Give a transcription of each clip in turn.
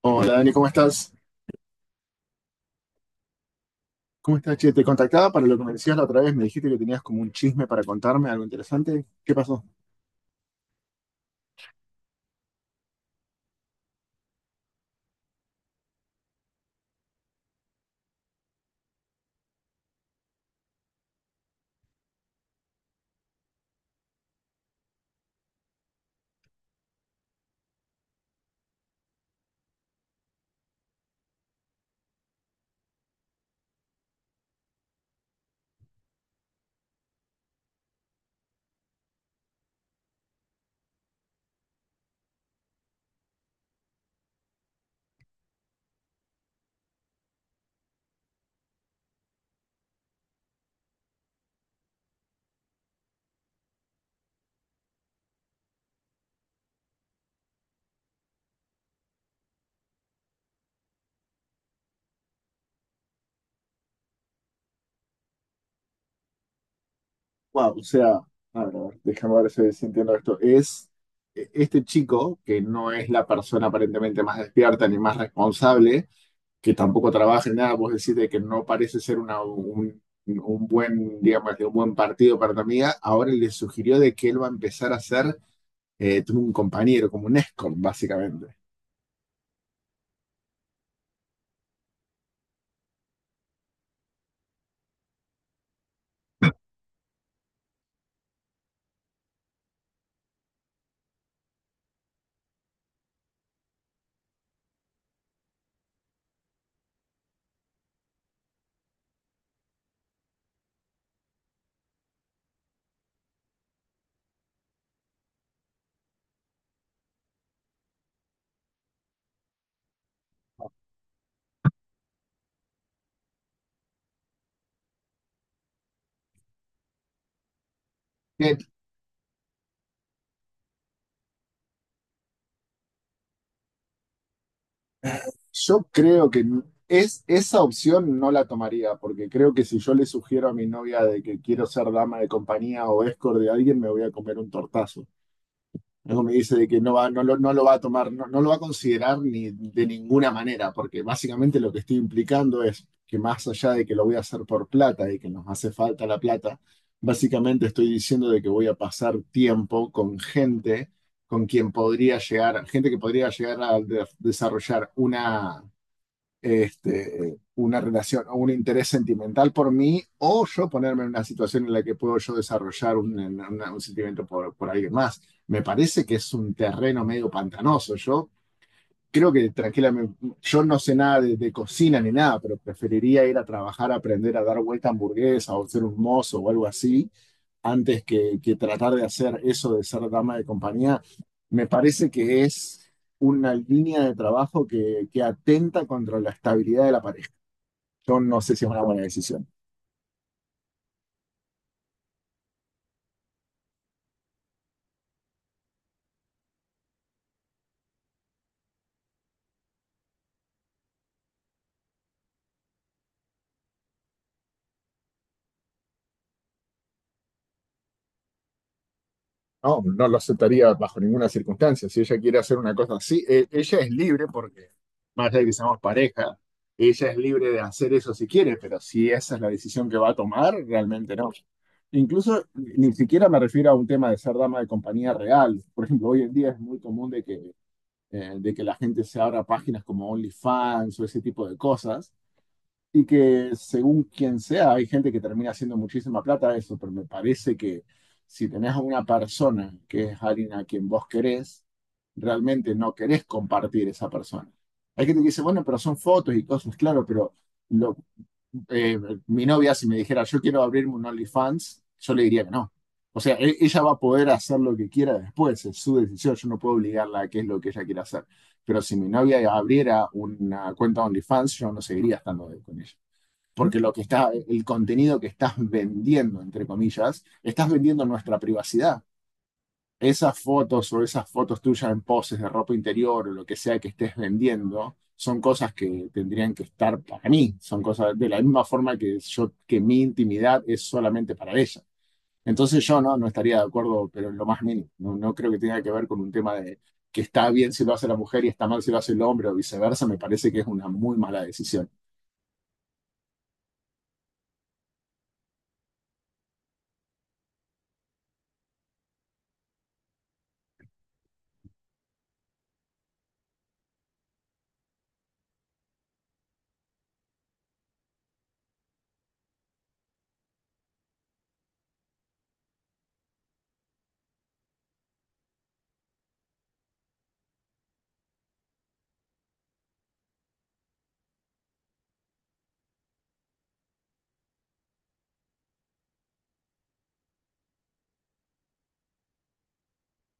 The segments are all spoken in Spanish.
Hola Dani, ¿cómo estás? ¿Cómo estás, che? Te contactaba para lo que me decías la otra vez, me dijiste que tenías como un chisme para contarme, algo interesante. ¿Qué pasó? Wow, o sea, a ver, déjame ver si entiendo esto. Es Este chico, que no es la persona aparentemente más despierta ni más responsable, que tampoco trabaja en nada, vos decís de que no parece ser un buen, digamos, de un buen partido para tu amiga, ahora le sugirió de que él va a empezar a ser un compañero, como un escort, básicamente. Yo creo que esa opción no la tomaría, porque creo que si yo le sugiero a mi novia de que quiero ser dama de compañía o escort de alguien, me voy a comer un tortazo. Luego me dice de que no lo va a tomar, no, no lo va a considerar ni de ninguna manera, porque básicamente lo que estoy implicando es que más allá de que lo voy a hacer por plata y que nos hace falta la plata, básicamente estoy diciendo de que voy a pasar tiempo con gente con quien podría llegar, gente que podría llegar a desarrollar una relación o un interés sentimental por mí, o yo ponerme en una situación en la que puedo yo desarrollar un sentimiento por alguien más. Me parece que es un terreno medio pantanoso. Yo creo que tranquilamente, yo no sé nada de, de cocina ni nada, pero preferiría ir a trabajar, a aprender a dar vuelta a hamburguesa o ser un mozo o algo así, antes que tratar de hacer eso de ser dama de compañía. Me parece que es una línea de trabajo que atenta contra la estabilidad de la pareja. Yo no sé si es una buena decisión. No, no lo aceptaría bajo ninguna circunstancia. Si ella quiere hacer una cosa así, ella es libre porque, más allá de que seamos pareja, ella es libre de hacer eso si quiere, pero si esa es la decisión que va a tomar, realmente no. Incluso ni siquiera me refiero a un tema de ser dama de compañía real. Por ejemplo, hoy en día es muy común de que la gente se abra páginas como OnlyFans o ese tipo de cosas y que según quien sea, hay gente que termina haciendo muchísima plata de eso, pero me parece que si tenés a una persona que es alguien a quien vos querés, realmente no querés compartir esa persona. Hay gente que dice, bueno, pero son fotos y cosas, claro, pero lo- eh, mi novia si me dijera, yo quiero abrirme un OnlyFans, yo le diría que no. O sea, ella va a poder hacer lo que quiera después, es su decisión, yo no puedo obligarla a qué es lo que ella quiere hacer. Pero si mi novia abriera una cuenta OnlyFans, yo no seguiría estando con ella porque lo que está, el contenido que estás vendiendo, entre comillas, estás vendiendo nuestra privacidad. Esas fotos o esas fotos tuyas en poses de ropa interior o lo que sea que estés vendiendo, son cosas que tendrían que estar para mí, son cosas de la misma forma que yo, que mi intimidad es solamente para ella. Entonces yo no estaría de acuerdo, pero en lo más mínimo, no, no creo que tenga que ver con un tema de que está bien si lo hace la mujer y está mal si lo hace el hombre o viceversa, me parece que es una muy mala decisión.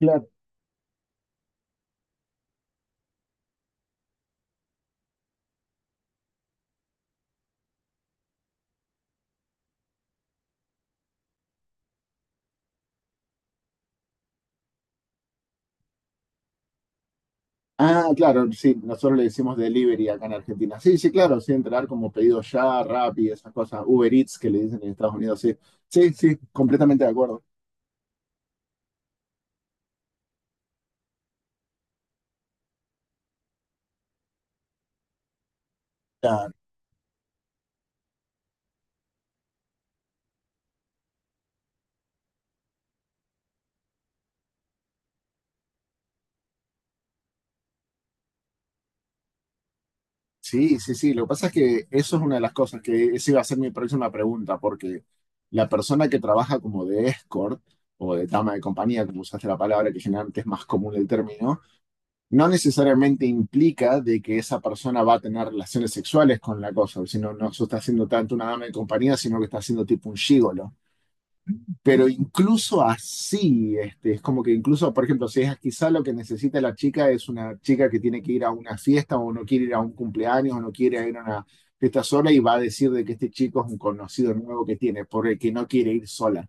Claro. Ah, claro, sí, nosotros le decimos delivery acá en Argentina. Sí, sí, claro, sí, entrar como pedido ya, Rappi, esas cosas, Uber Eats que le dicen en Estados Unidos, sí. Sí, sí, completamente de acuerdo. Ah, sí, sí, sí, lo que pasa es que eso es una de las cosas que esa iba a ser mi próxima pregunta, porque la persona que trabaja como de escort o de dama de compañía, como usaste la palabra, que generalmente es más común el término, no necesariamente implica de que esa persona va a tener relaciones sexuales con la cosa, sino no se está haciendo tanto una dama de compañía, sino que está haciendo tipo un gigolo. Pero incluso así, este, es como que incluso, por ejemplo, si es quizá lo que necesita la chica es una chica que tiene que ir a una fiesta o no quiere ir a un cumpleaños o no quiere ir a una fiesta sola y va a decir de que este chico es un conocido nuevo que tiene, por el que no quiere ir sola.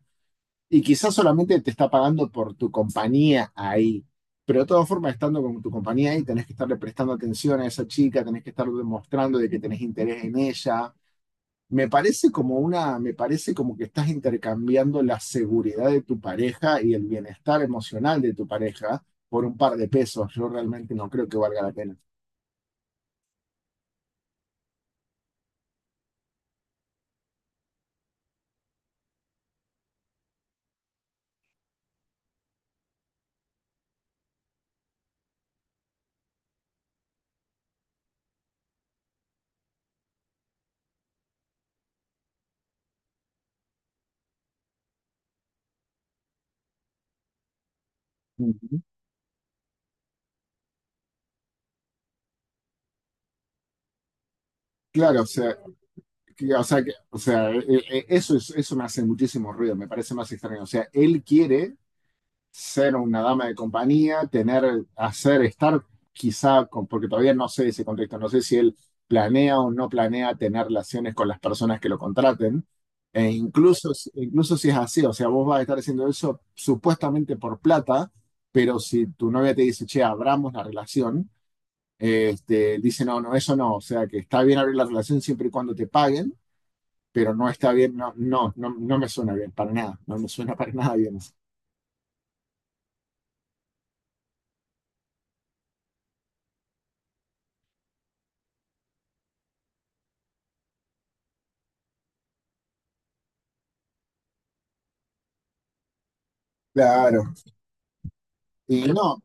Y quizás solamente te está pagando por tu compañía ahí. Pero de todas formas, estando con tu compañía ahí, tenés que estarle prestando atención a esa chica, tenés que estar demostrando de que tenés interés en ella. Me parece como que estás intercambiando la seguridad de tu pareja y el bienestar emocional de tu pareja por un par de pesos. Yo realmente no creo que valga la pena. Ujú. Claro, o sea, eso me hace muchísimo ruido, me parece más extraño. O sea, él quiere ser una dama de compañía, tener, hacer, estar quizá, con, porque todavía no sé ese contexto, no sé si él planea o no planea tener relaciones con las personas que lo contraten, e incluso, incluso si es así, o sea, vos vas a estar haciendo eso supuestamente por plata, pero si tu novia te dice, che, abramos la relación, este, dice, no, no, eso no, o sea, que está bien abrir la relación siempre y cuando te paguen, pero no está bien, no, no, no, no me suena bien, para nada, no me suena para nada bien eso. Claro. Y no,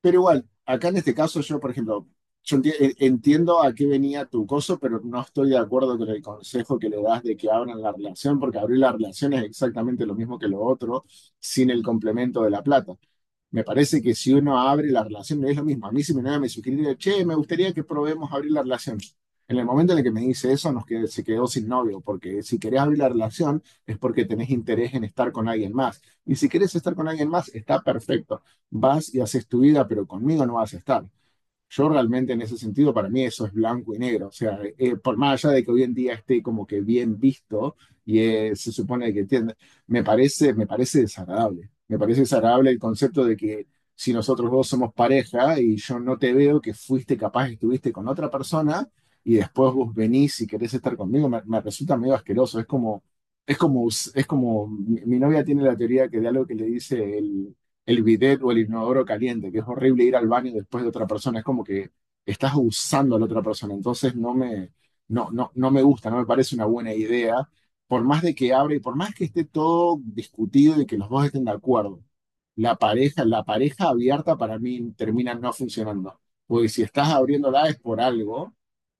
Pero igual, acá en este caso yo, por ejemplo, yo entiendo a qué venía tu coso, pero no estoy de acuerdo con el consejo que le das de que abran la relación, porque abrir la relación es exactamente lo mismo que lo otro, sin el complemento de la plata. Me parece que si uno abre la relación, no es lo mismo. A mí si me nada me sugiere, che, me gustaría que probemos abrir la relación. En el momento en el que me dice eso, se quedó sin novio, porque si querés abrir la relación es porque tenés interés en estar con alguien más. Y si querés estar con alguien más, está perfecto. Vas y haces tu vida, pero conmigo no vas a estar. Yo realmente en ese sentido, para mí eso es blanco y negro. O sea, por más allá de que hoy en día esté como que bien visto y se supone que tiene, me parece desagradable. Me parece desagradable el concepto de que si nosotros dos somos pareja y yo no te veo que fuiste capaz, estuviste con otra persona y después vos venís y querés estar conmigo, me resulta medio asqueroso. Es como, mi novia tiene la teoría que de algo que le dice el bidet o el inodoro caliente, que es horrible ir al baño después de otra persona, es como que estás usando a la otra persona, entonces no, no, no me gusta, no me parece una buena idea, por más de que abra y por más que esté todo discutido y que los dos estén de acuerdo, la pareja abierta para mí termina no funcionando, porque si estás abriéndola es por algo.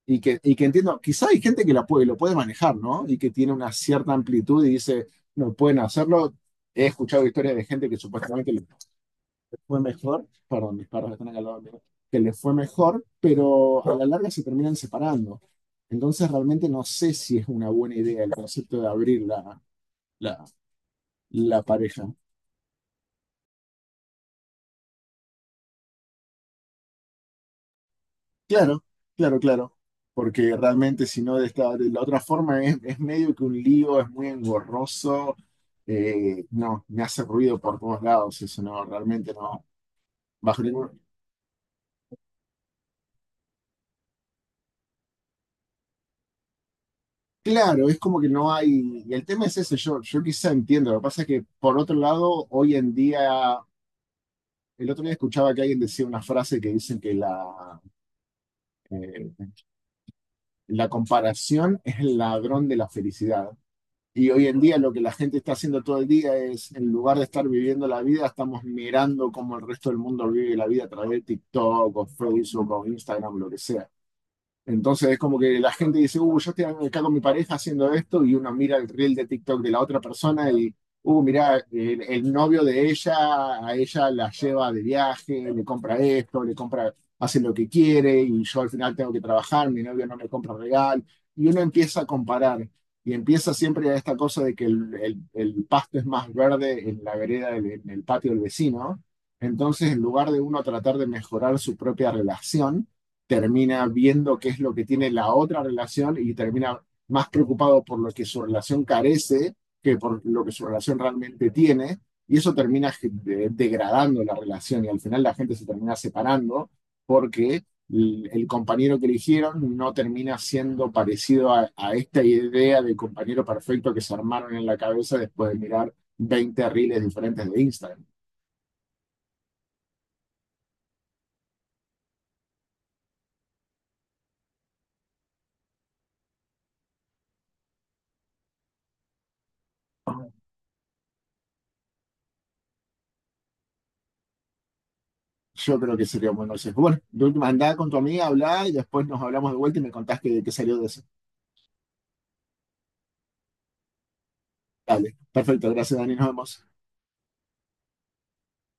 Y que entiendo, quizá hay gente que la puede, lo puede manejar, ¿no? Y que tiene una cierta amplitud y dice, no pueden hacerlo. He escuchado historias de gente que supuestamente fue mejor, perdón, mis perros están acá al lado mío, que le fue mejor, pero a la larga se terminan separando. Entonces realmente no sé si es una buena idea el concepto de abrir la, la pareja. Claro, claro, claro. Porque realmente si no de esta, de la otra forma es medio que un lío, es muy engorroso. No, me hace ruido por todos lados, eso no, realmente no. Bajo ningún. Claro, es como que no hay, y el tema es ese, yo quizá entiendo, lo que pasa es que por otro lado, hoy en día, el otro día escuchaba que alguien decía una frase que dicen que eh, la comparación es el ladrón de la felicidad. Y hoy en día lo que la gente está haciendo todo el día es, en lugar de estar viviendo la vida, estamos mirando cómo el resto del mundo vive la vida a través de TikTok o Facebook o Instagram, lo que sea. Entonces es como que la gente dice, yo estoy acá con mi pareja haciendo esto, y uno mira el reel de TikTok de la otra persona y, mira, el novio de ella, a ella la lleva de viaje, le compra esto, le compra, hace lo que quiere, y yo al final tengo que trabajar, mi novio no me compra y uno empieza a comparar, y empieza siempre a esta cosa de que el pasto es más verde en la vereda, en el patio del vecino. Entonces, en lugar de uno tratar de mejorar su propia relación, termina viendo qué es lo que tiene la otra relación y termina más preocupado por lo que su relación carece que por lo que su relación realmente tiene, y eso termina degradando la relación y al final la gente se termina separando porque el- compañero que eligieron no termina siendo parecido a esta idea del compañero perfecto que se armaron en la cabeza después de mirar 20 reels diferentes de Instagram. Yo creo que sería un buen consejo. Bueno, de última andá con tu amiga, hablá y después nos hablamos de vuelta y me contás qué, qué salió de eso. Dale, perfecto, gracias Dani, nos vemos.